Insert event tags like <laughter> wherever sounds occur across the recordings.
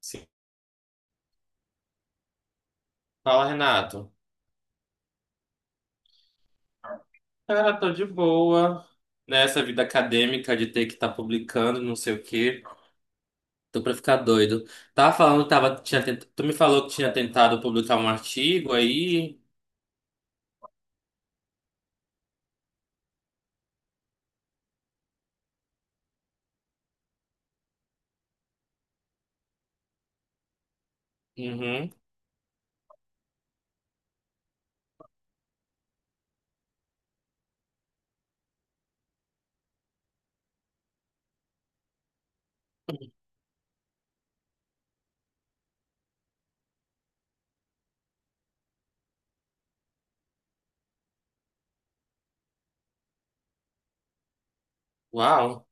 Sim. Fala, Renato. Cara, tô de boa nessa vida acadêmica de ter que estar publicando, não sei o quê. Tô pra ficar doido. Tava falando, que tava, tinha tent... Tu me falou que tinha tentado publicar um artigo aí. Uhum. Uau,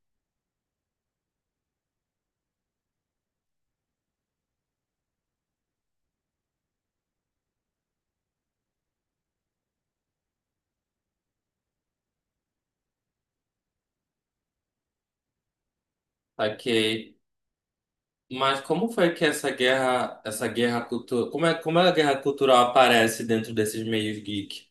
ok. Mas como foi que essa guerra cultural, como é a guerra cultural aparece dentro desses meios geek?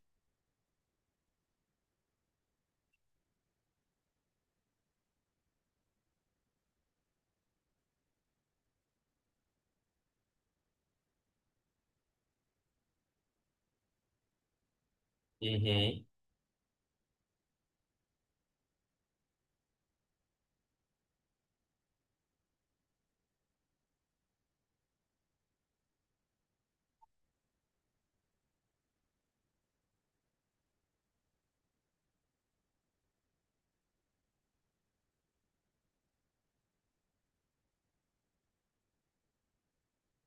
Uhum,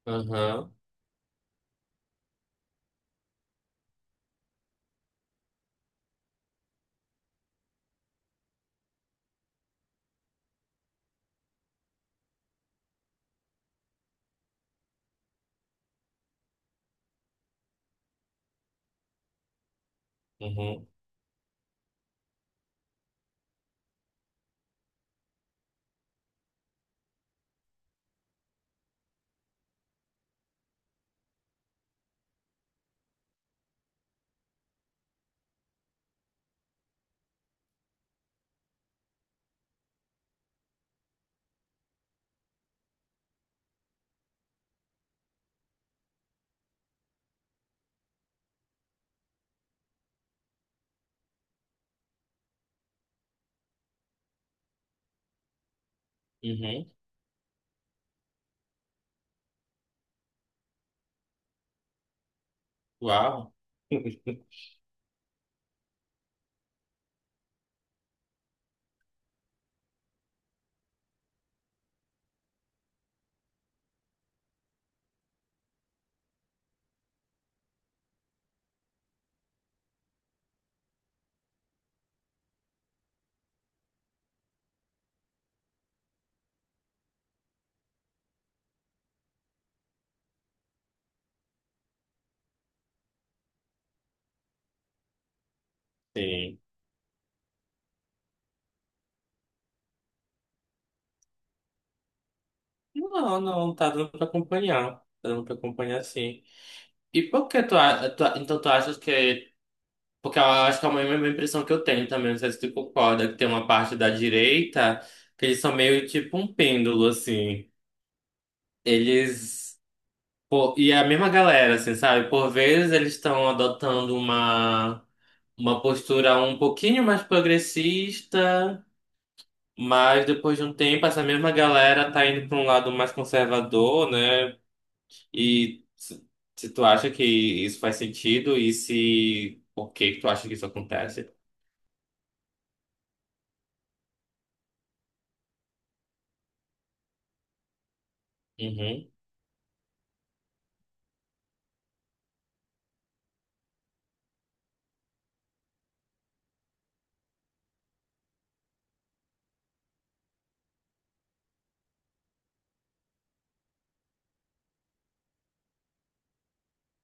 uhum, uhum, uhum. Uau. <laughs> Sim. Não, tá dando pra acompanhar. Tá dando pra acompanhar, sim. E por que tu, a- tu a- então tu achas que. Porque eu acho que é a mesma impressão que eu tenho também, não sei se tu concorda, que tem uma parte da direita que eles são meio tipo um pêndulo, assim. Eles. Pô, e é a mesma galera, assim, sabe? Por vezes eles estão adotando uma postura um pouquinho mais progressista, mas depois de um tempo essa mesma galera tá indo pra um lado mais conservador, né? E se Se tu acha que isso faz sentido e se por que que tu acha que isso acontece? Uhum,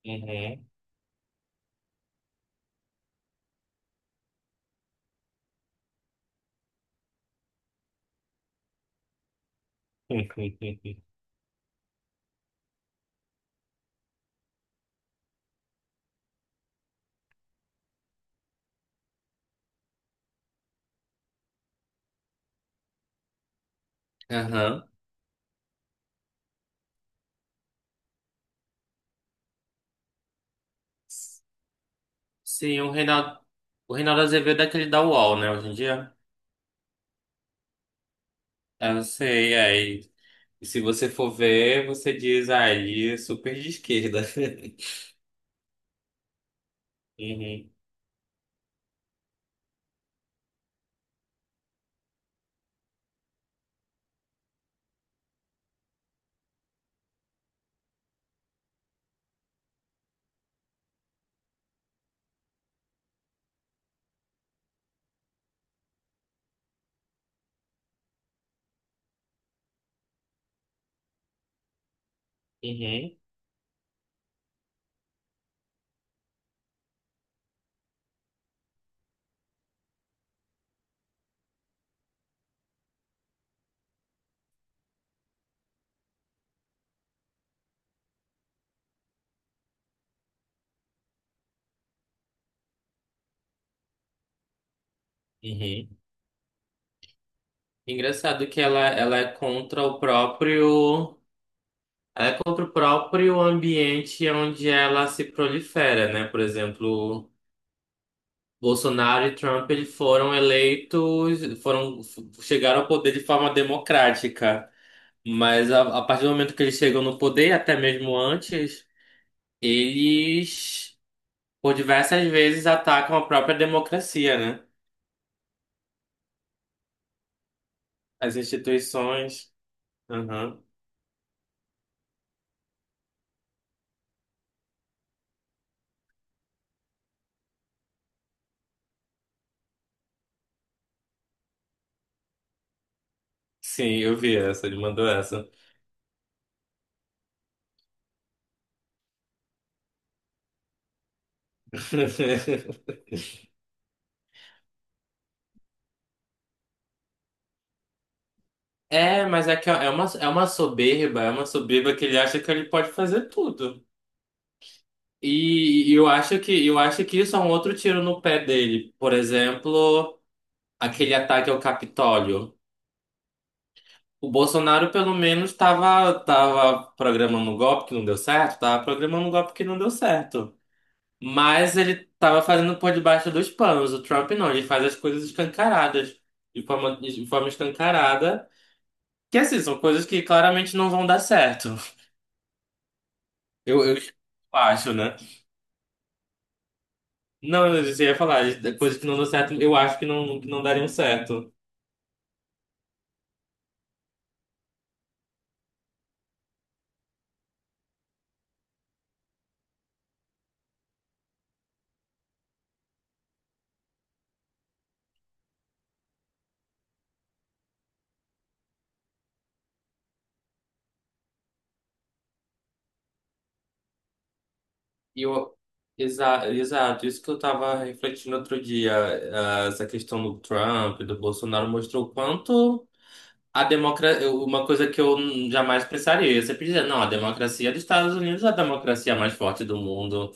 uhum. <laughs> Aham. Sim, o Reinaldo Azevedo é aquele da UOL, né, hoje em dia? Eu sei, aí. E se você for ver, você diz, ah, ele é super de esquerda. <laughs> Uhum, uhum, uhum. Ela é contra o próprio. É contra o próprio ambiente onde ela se prolifera, né? Por exemplo, Bolsonaro e Trump eles foram eleitos, foram chegaram ao poder de forma democrática, mas a partir do momento que eles chegam no poder, até mesmo antes, eles por diversas vezes atacam a própria democracia, né? As instituições. Aham. Sim, eu vi essa, ele mandou essa. <laughs> É, mas é que é é uma soberba que ele acha que ele pode fazer tudo. E, eu acho que isso é um outro tiro no pé dele. Por exemplo, aquele ataque ao Capitólio. O Bolsonaro, pelo menos, estava tava programando um golpe que não deu certo, Estava programando um golpe que não deu certo. Mas ele estava fazendo por debaixo dos panos. O Trump não, ele faz as coisas escancaradas, de forma escancarada. Que assim, são coisas que claramente não vão dar certo. Eu acho, né? Não, eu já ia falar, de coisas que não deu certo, eu acho que não dariam certo. E eu, Exato, isso que eu tava refletindo outro dia, ah, essa questão do Trump, e do Bolsonaro, mostrou o quanto a democracia, uma coisa que eu jamais pensaria, eu sempre dizia, não, a democracia dos Estados Unidos é a democracia mais forte do mundo,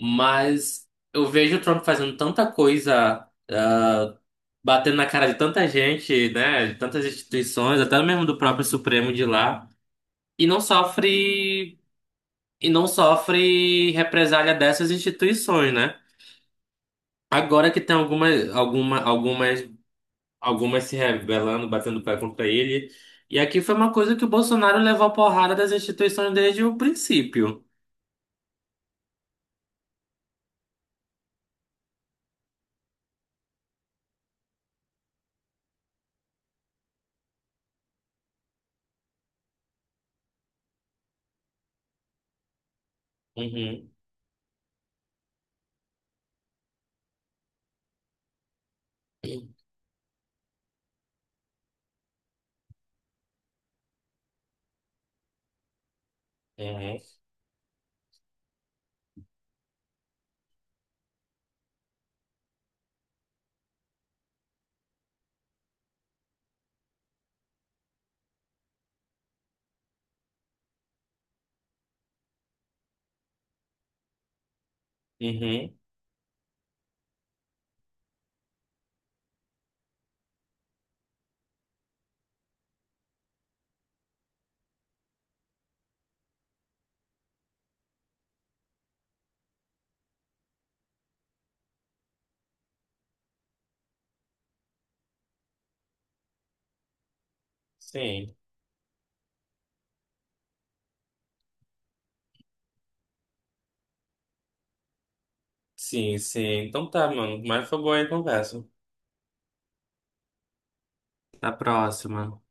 mas eu vejo o Trump fazendo tanta coisa. Batendo na cara de tanta gente, né, de tantas instituições, até mesmo do próprio Supremo de lá, e não sofre represália dessas instituições, né? Agora que tem algumas alguma, algumas algumas se rebelando, batendo pé contra ele, e aqui foi uma coisa que o Bolsonaro levou porrada das instituições desde o princípio. Uhum. Uhum. Uhum. Sim. Sim. Então tá, mano. Mas foi boa aí a conversa. Até a próxima.